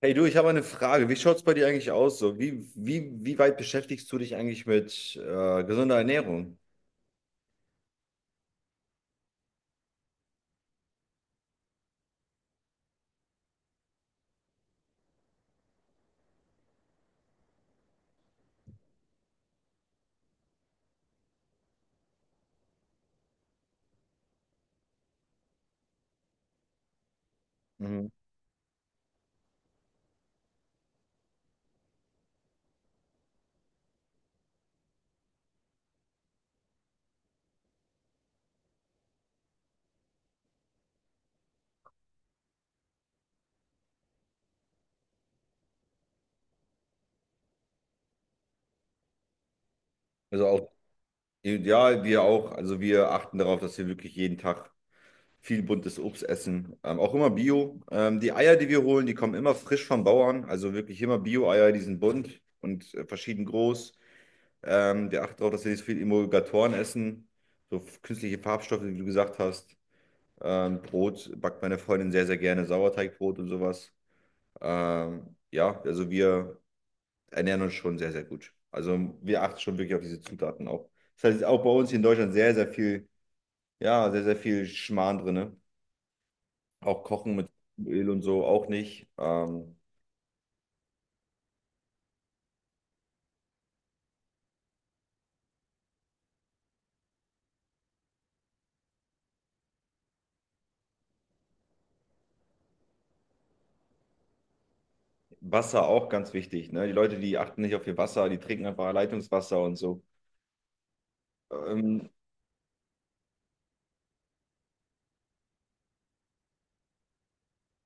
Hey du, ich habe eine Frage. Wie schaut es bei dir eigentlich aus? So, wie weit beschäftigst du dich eigentlich mit gesunder Ernährung? Mhm. Also auch, ja, wir auch. Also wir achten darauf, dass wir wirklich jeden Tag viel buntes Obst essen. Auch immer Bio. Die Eier, die wir holen, die kommen immer frisch vom Bauern. Also wirklich immer Bio-Eier, die sind bunt und verschieden groß. Wir achten darauf, dass wir nicht so viel Emulgatoren essen. So künstliche Farbstoffe, wie du gesagt hast. Brot backt meine Freundin sehr, sehr gerne. Sauerteigbrot und sowas. Ja, also wir ernähren uns schon sehr, sehr gut. Also wir achten schon wirklich auf diese Zutaten auch. Das heißt, auch bei uns hier in Deutschland sehr, sehr viel, ja, sehr, sehr viel Schmarrn drinne. Auch Kochen mit Öl und so auch nicht. Wasser auch ganz wichtig, ne? Die Leute, die achten nicht auf ihr Wasser, die trinken einfach Leitungswasser und so. Ähm,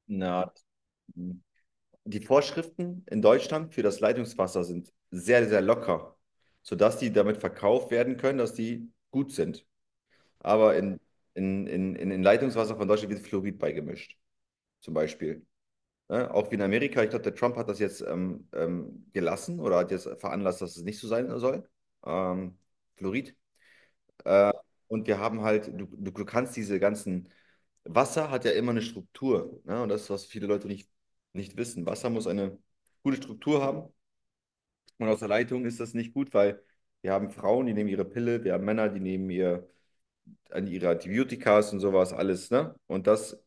na, die Vorschriften in Deutschland für das Leitungswasser sind sehr, sehr locker, sodass die damit verkauft werden können, dass die gut sind. Aber in Leitungswasser von Deutschland wird Fluorid beigemischt, zum Beispiel. Ne? Auch wie in Amerika, ich glaube, der Trump hat das jetzt gelassen oder hat jetzt veranlasst, dass es nicht so sein soll, ähm, Fluorid. Und wir haben halt, du kannst diese ganzen, Wasser hat ja immer eine Struktur, ne? Und das ist, was viele Leute nicht wissen. Wasser muss eine gute Struktur haben und aus der Leitung ist das nicht gut, weil wir haben Frauen, die nehmen ihre Pille, wir haben Männer, die nehmen ihr an ihre Antibiotikas und sowas alles, ne? Und das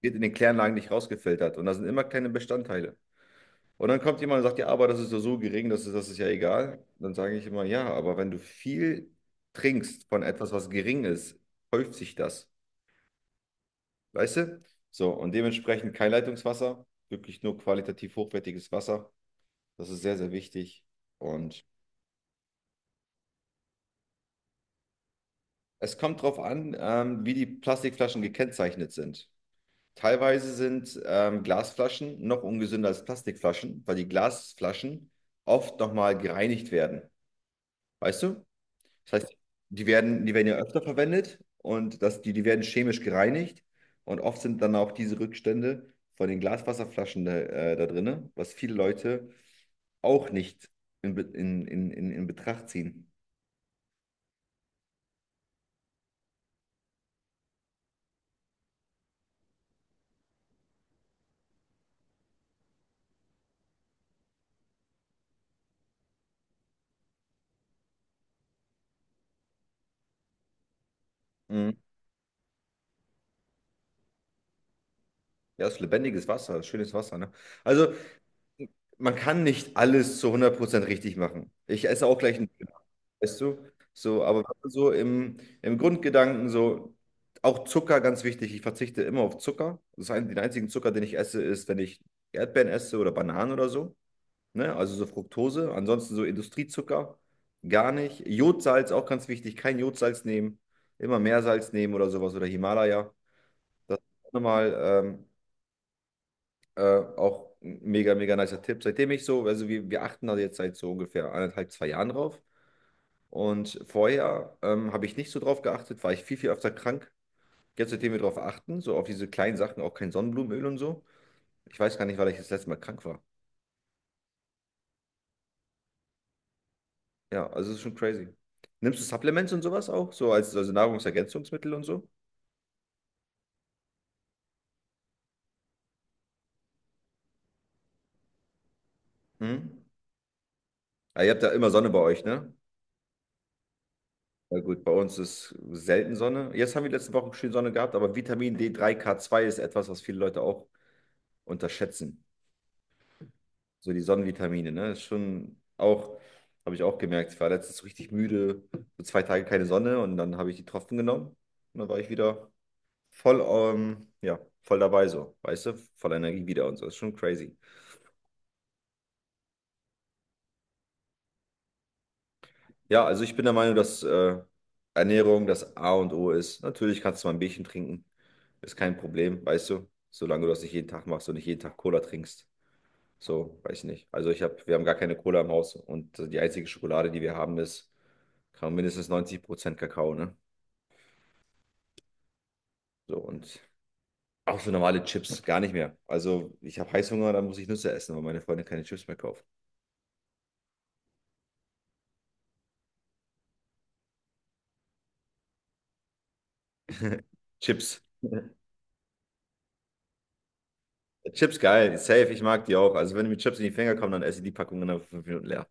wird in den Kläranlagen nicht rausgefiltert. Und da sind immer kleine Bestandteile. Und dann kommt jemand und sagt, ja, aber das ist ja so gering, das ist ja egal. Dann sage ich immer, ja, aber wenn du viel trinkst von etwas, was gering ist, häuft sich das. Weißt du? So, und dementsprechend kein Leitungswasser, wirklich nur qualitativ hochwertiges Wasser. Das ist sehr, sehr wichtig. Und es kommt darauf an, wie die Plastikflaschen gekennzeichnet sind. Teilweise sind Glasflaschen noch ungesünder als Plastikflaschen, weil die Glasflaschen oft nochmal gereinigt werden. Weißt du? Das heißt, die werden ja öfter verwendet und das, die werden chemisch gereinigt. Und oft sind dann auch diese Rückstände von den Glaswasserflaschen da, da drin, was viele Leute auch nicht in, Be- in Betracht ziehen. Mhm. Ja, das ist lebendiges Wasser, das ist schönes Wasser, ne? Also, man kann nicht alles zu 100% richtig machen. Ich esse auch gleich einen Döner, weißt du? So, aber wenn man so im Grundgedanken so, auch Zucker, ganz wichtig, ich verzichte immer auf Zucker. Das heißt, den einzigen Zucker, den ich esse, ist, wenn ich Erdbeeren esse oder Bananen oder so. Ne? Also so Fructose. Ansonsten so Industriezucker, gar nicht. Jodsalz, auch ganz wichtig, kein Jodsalz nehmen. Immer Meersalz nehmen oder sowas oder Himalaya. Das ist auch nochmal äh, auch ein mega, mega nicer Tipp. Seitdem ich so, also wir achten da jetzt seit so ungefähr anderthalb zwei Jahren drauf. Und vorher habe ich nicht so drauf geachtet, war ich viel, viel öfter krank. Jetzt, seitdem wir drauf achten, so auf diese kleinen Sachen, auch kein Sonnenblumenöl und so. Ich weiß gar nicht, weil ich das letzte Mal krank war. Ja, also es ist schon crazy. Nimmst du Supplements und sowas auch? So als also Nahrungsergänzungsmittel und so? Mhm. Ja, ihr habt da immer Sonne bei euch, ne? Ja gut, bei uns ist selten Sonne. Jetzt haben wir die letzten Wochen schön Sonne gehabt, aber Vitamin D3, K2 ist etwas, was viele Leute auch unterschätzen. So die Sonnenvitamine, ne? Ist schon auch, habe ich auch gemerkt. Ich war letztens richtig müde, so zwei Tage keine Sonne und dann habe ich die Tropfen genommen und dann war ich wieder voll, ja, voll dabei so, weißt du? Voller Energie wieder und so. Ist schon crazy. Ja, also ich bin der Meinung, dass Ernährung das A und O ist. Natürlich kannst du mal ein Bierchen trinken, ist kein Problem, weißt du? Solange du das nicht jeden Tag machst und nicht jeden Tag Cola trinkst. So, weiß ich nicht. Also ich habe, wir haben gar keine Cola im Haus und die einzige Schokolade, die wir haben, ist Kam mindestens 90% Kakao, ne? So, und auch so normale Chips, gar nicht mehr. Also, ich habe Heißhunger, dann muss ich Nüsse essen, weil meine Freundin keine Chips mehr kauft. Chips. Chips geil, safe, ich mag die auch. Also, wenn mir Chips in die Finger kommen, dann esse ich die Packung innerhalb von 5 Minuten leer.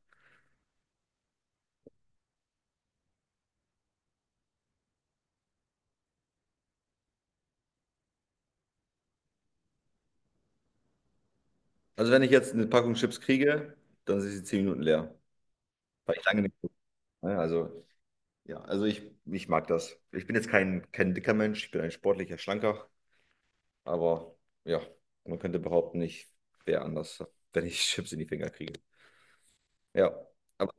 Also, wenn ich jetzt eine Packung Chips kriege, dann sind sie 10 Minuten leer, weil ich lange nicht. So, ne? Also, ja, also ich mag das. Ich bin jetzt kein dicker Mensch, ich bin ein sportlicher Schlanker, aber ja, man könnte behaupten, ich wäre anders, wenn ich Chips in die Finger kriege. Ja, aber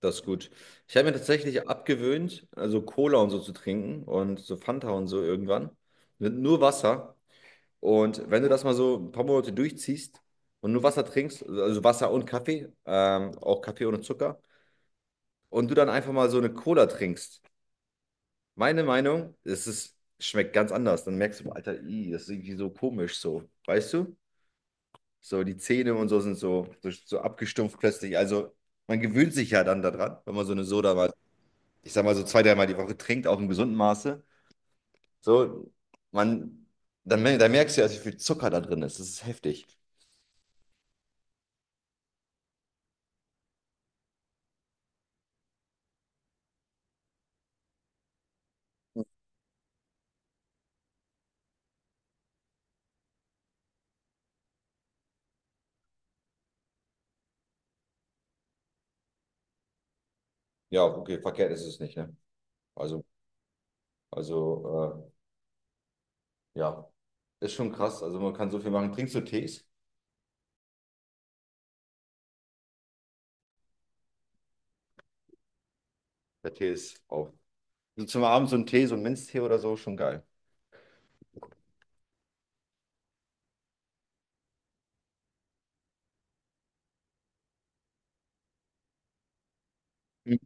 das ist gut. Ich habe mir tatsächlich abgewöhnt, also Cola und so zu trinken und so Fanta und so irgendwann. Mit nur Wasser. Und wenn du das mal so ein paar Monate durchziehst und nur Wasser trinkst, also Wasser und Kaffee, auch Kaffee ohne Zucker, und du dann einfach mal so eine Cola trinkst, meine Meinung, es ist, schmeckt ganz anders. Dann merkst du, Alter, ih, das ist irgendwie so komisch so. Weißt du? So die Zähne und so sind so, so, so abgestumpft plötzlich. Also man gewöhnt sich ja dann daran, wenn man so eine Soda mal, ich sag mal, so zwei, dreimal die Woche trinkt, auch im gesunden Maße, so, man, dann, dann merkst du ja, also, wie viel Zucker da drin ist. Das ist heftig. Ja, okay, verkehrt ist es nicht, ne? Also, also, ja, ist schon krass. Also man kann so viel machen. Trinkst du Tees? Der Tee ist auch. So zum Abend so ein Tee, so ein Minztee oder so, schon geil. Mhm.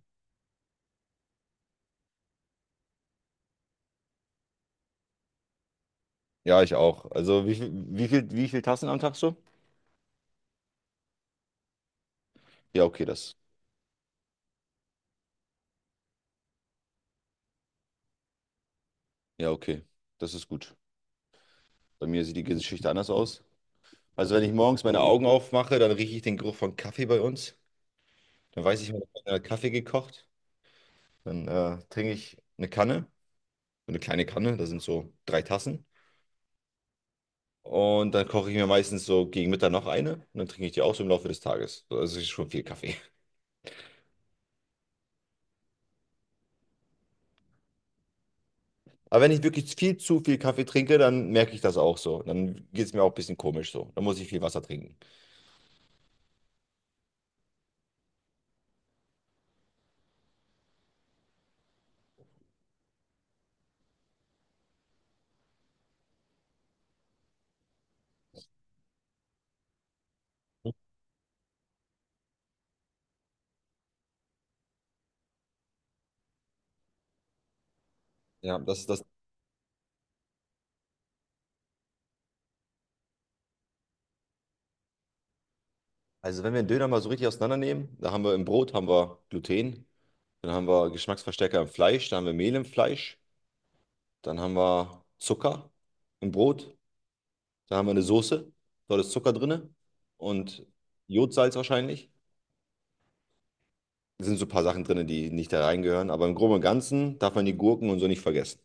Ja, ich auch. Also wie viel Tassen am Tag so? Ja, okay, das. Ja, okay. Das ist gut. Bei mir sieht die Geschichte anders aus. Also wenn ich morgens meine Augen aufmache, dann rieche ich den Geruch von Kaffee bei uns. Dann weiß ich, ich habe Kaffee gekocht. Dann trinke ich eine Kanne, so eine kleine Kanne, da sind so drei Tassen. Und dann koche ich mir meistens so gegen Mittag noch eine und dann trinke ich die auch so im Laufe des Tages. So, also es ist schon viel Kaffee. Aber wenn ich wirklich viel zu viel Kaffee trinke, dann merke ich das auch so. Dann geht es mir auch ein bisschen komisch so. Dann muss ich viel Wasser trinken. Ja, das ist das. Also wenn wir einen Döner mal so richtig auseinandernehmen, da haben wir im Brot haben wir Gluten, dann haben wir Geschmacksverstärker im Fleisch, dann haben wir Mehl im Fleisch, dann haben wir Zucker im Brot, da haben wir eine Soße, dort ist Zucker drin und Jodsalz wahrscheinlich. Da sind so ein paar Sachen drin, die nicht da reingehören. Aber im Groben und Ganzen darf man die Gurken und so nicht vergessen.